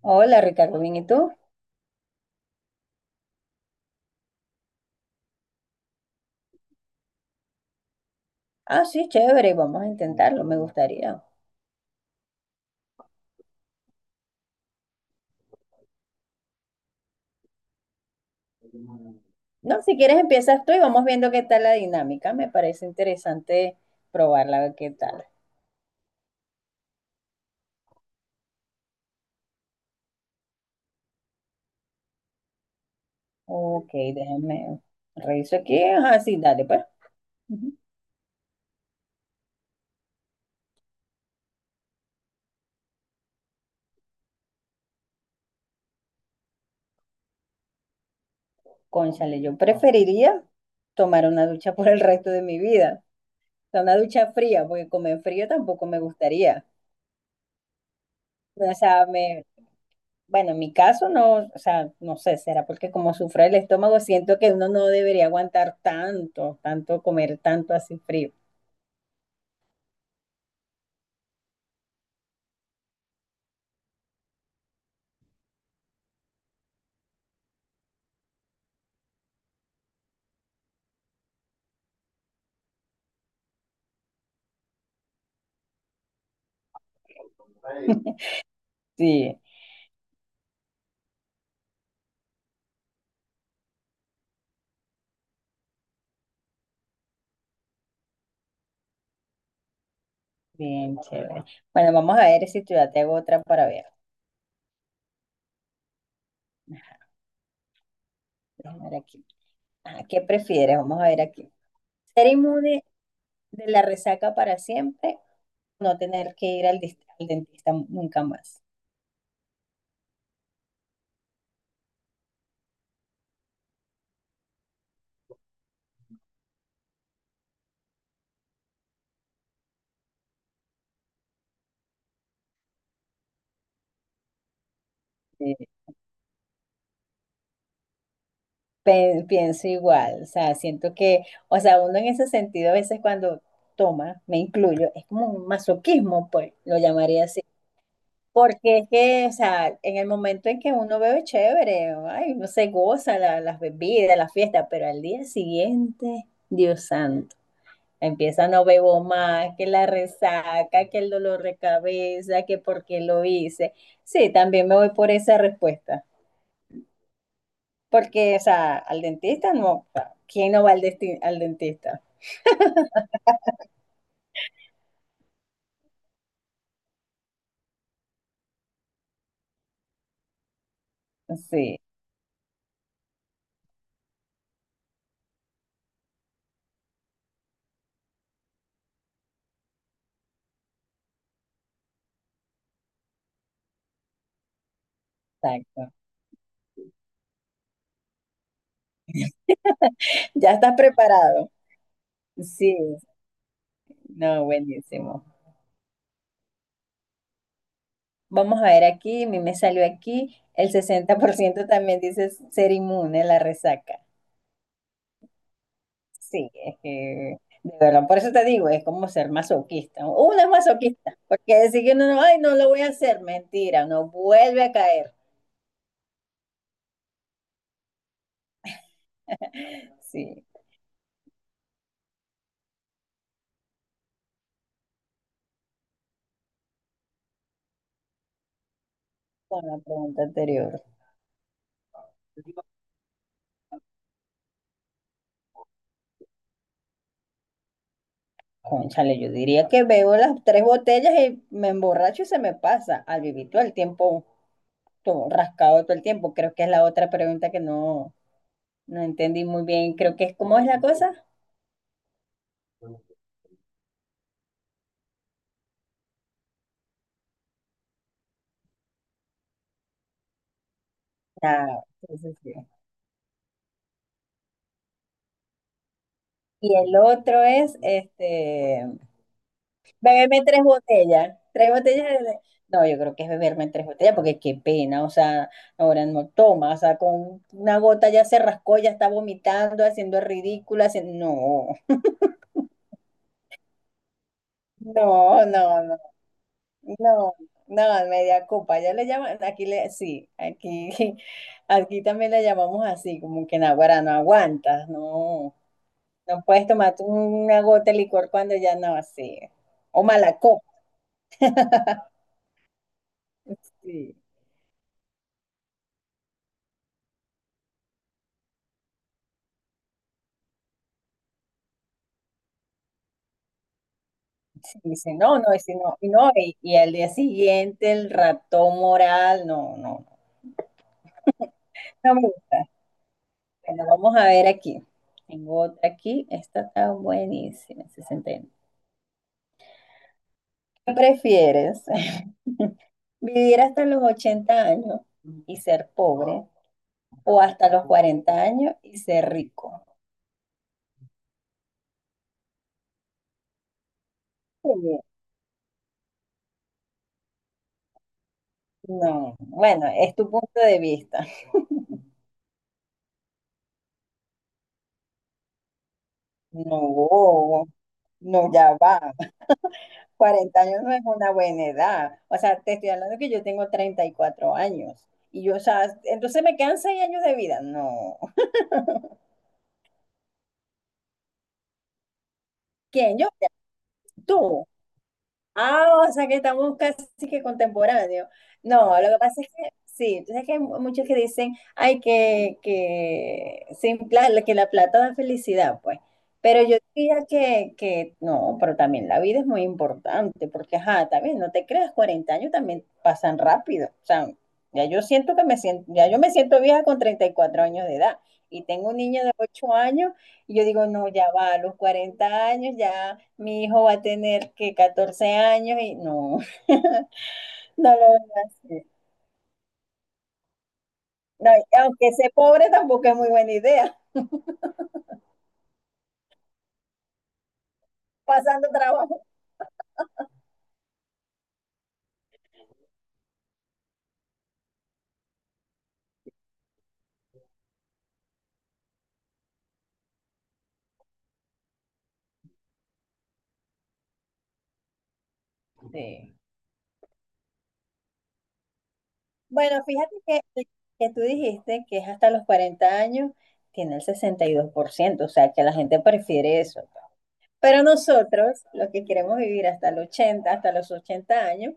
Hola Ricardo, ¿bien y tú? Ah, sí, chévere, vamos a intentarlo, me gustaría. No, si quieres empiezas tú y vamos viendo qué tal la dinámica, me parece interesante probarla, a ver qué tal. Ok, déjame reviso aquí. Ah, sí, dale pues. Ujú. Cónchale, yo preferiría tomar una ducha por el resto de mi vida. O sea, una ducha fría, porque comer frío tampoco me gustaría. O sea, me, Bueno, en mi caso no, o sea, no sé, será porque como sufre el estómago, siento que uno no debería aguantar tanto comer tanto así frío. Sí, bien chévere. Bueno, vamos a ver si tú ya te hago otra para ver. Déjame ver aquí. Ah, ¿qué prefieres? Vamos a ver aquí. ¿Ser inmune de la resaca para siempre? No tener que ir al, al dentista nunca más. Sí. Pienso igual, o sea, siento que, o sea, uno en ese sentido a veces cuando toma, me incluyo, es como un masoquismo, pues, lo llamaría así. Porque es que, o sea, en el momento en que uno bebe chévere, ay, no se goza las bebidas, las fiestas, pero al día siguiente, Dios santo, empieza no bebo más, que la resaca, que el dolor de cabeza, que por qué lo hice. Sí, también me voy por esa respuesta. Porque, o sea, al dentista no, o sea, ¿quién no va al, al dentista? Sí, exacto. ¿Ya estás preparado? Sí, no, buenísimo. Vamos a ver aquí, a mí me salió aquí, el 60%. También dice ser inmune a la resaca. Sí, es que, de verdad, por eso te digo, es como ser masoquista. Uno es masoquista, porque decir que no, no, ay, no lo voy a hacer, mentira, no vuelve a caer. Sí, con la pregunta anterior. Cónchale, yo diría que veo las tres botellas y me emborracho y se me pasa al vivir todo el tiempo, todo rascado todo el tiempo. Creo que es la otra pregunta que no, no entendí muy bien. Creo que es, ¿cómo es la cosa? Ah, sí, sí, sí. Y el otro es, este, beberme tres botellas de... No, yo creo que es beberme tres botellas porque qué pena, o sea, ahora no toma, o sea, con una gota ya se rascó, ya está vomitando, haciendo el ridículo, haciendo... No, no, no, no. No, no, media copa, ya le llaman, aquí le, sí, aquí, aquí también le llamamos así, como que naguará, no aguantas, no, no puedes tomarte una gota de licor cuando ya no así, o mala copa, sí, sí, dice, no, no, y si no, y no, y al día siguiente el ratón moral, no, no, no me gusta. Bueno, vamos a ver aquí, tengo otra aquí, esta está buenísima, 60. ¿Qué prefieres? ¿Vivir hasta los 80 años y ser pobre, o hasta los 40 años y ser rico? Sí. No, bueno, es tu punto de vista. No, no, ya va. Cuarenta años no es una buena edad. O sea, te estoy hablando que yo tengo 34 años. Y yo, o sea, entonces me quedan 6 años de vida. No. ¿Quién? Yo, tú. Ah, o sea que estamos casi que contemporáneos. No, lo que pasa es que sí, entonces que hay muchos que dicen, ay, que, sin pla- que la plata da felicidad, pues. Pero yo diría que no, pero también la vida es muy importante, porque ajá, también no te creas, 40 años también pasan rápido. O sea, ya yo me siento vieja con 34 años de edad. Y tengo un niño de 8 años, y yo digo, no, ya va, a los 40 años ya. Mi hijo va a tener que 14 años y no, no lo voy a hacer. No, y aunque sea pobre tampoco es muy buena idea, pasando trabajo. Sí. Bueno, fíjate que tú dijiste que es hasta los 40 años, tiene el 62% o sea que la gente prefiere eso. Pero nosotros, los que queremos vivir hasta los 80 años,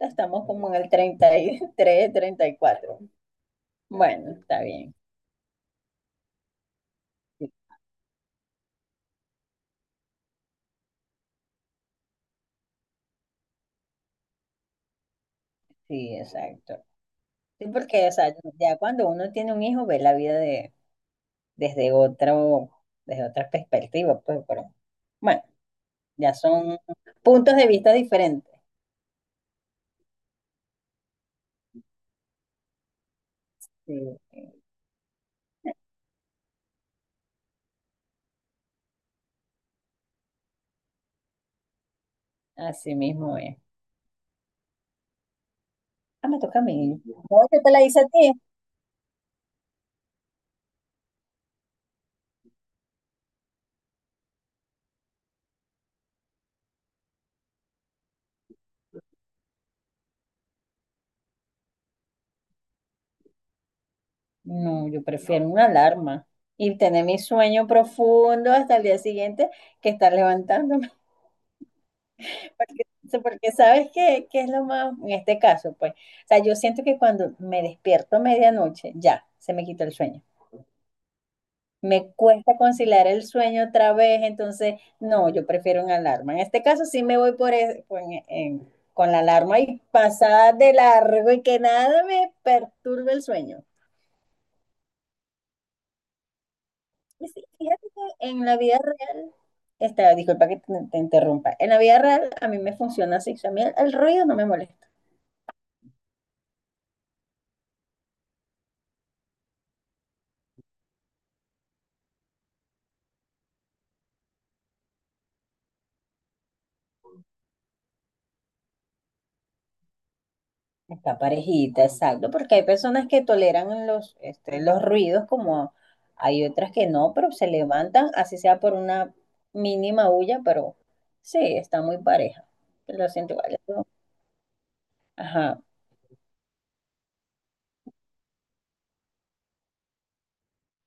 ya estamos como en el treinta treinta y tres treinta y cuatro. Bueno, está bien. Sí, sí, exacto. Sí, porque, o sea, ya cuando uno tiene un hijo, ve la vida de, desde otro, desde otra perspectiva, pues, pero, bueno, ya son puntos de vista diferentes. Sí, así mismo es. Ah, me toca a mí. No, yo te la hice a ti. No, yo prefiero una alarma y tener mi sueño profundo hasta el día siguiente que estar levantándome. Porque, porque sabes qué, qué es lo más, en este caso, pues, o sea, yo siento que cuando me despierto a medianoche, ya, se me quitó el sueño. Me cuesta conciliar el sueño otra vez, entonces no, yo prefiero una alarma. En este caso sí me voy por e- con, en- con la alarma y pasada de largo y que nada me perturbe el sueño. Y sí, fíjate que en la vida real, esta, disculpa que te interrumpa, en la vida real a mí me funciona así, o sea, a mí el ruido no me molesta. Está parejita, exacto, porque hay personas que toleran los, este, los ruidos como hay otras que no, pero se levantan, así sea por una mínima huya, pero sí, está muy pareja. Lo siento igual, ¿no? Ajá,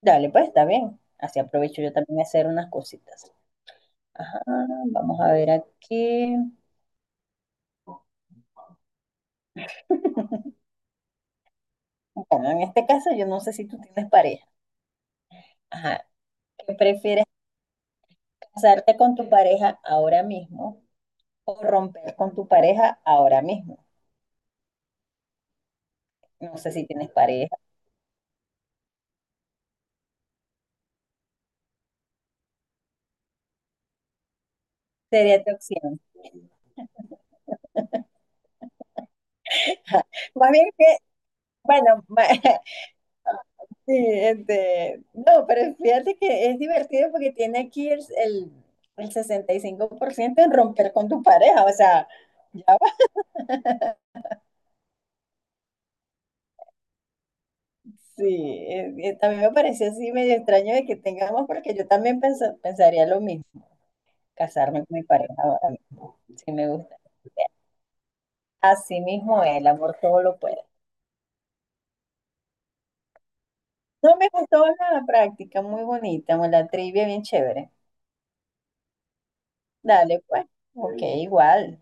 dale, pues está bien. Así aprovecho yo también a hacer unas cositas. Ajá, vamos a ver aquí. Bueno, en este caso yo no sé si tú tienes pareja. Ajá, ¿qué prefieres, casarte con tu pareja ahora mismo o romper con tu pareja ahora mismo? No sé si tienes pareja, sería tu opción. Más bien que, bueno, ma- sí, este, no, pero fíjate que es divertido porque tiene aquí el 65% en romper con tu pareja, o sea, ya va. Sí, también me pareció así medio extraño de que tengamos, porque yo también pensaría lo mismo, casarme con mi pareja, ahora, sí me gusta. Así mismo, el amor todo lo puede. No me gustó la práctica, muy bonita, la trivia bien chévere. Dale, pues. Ok, igual.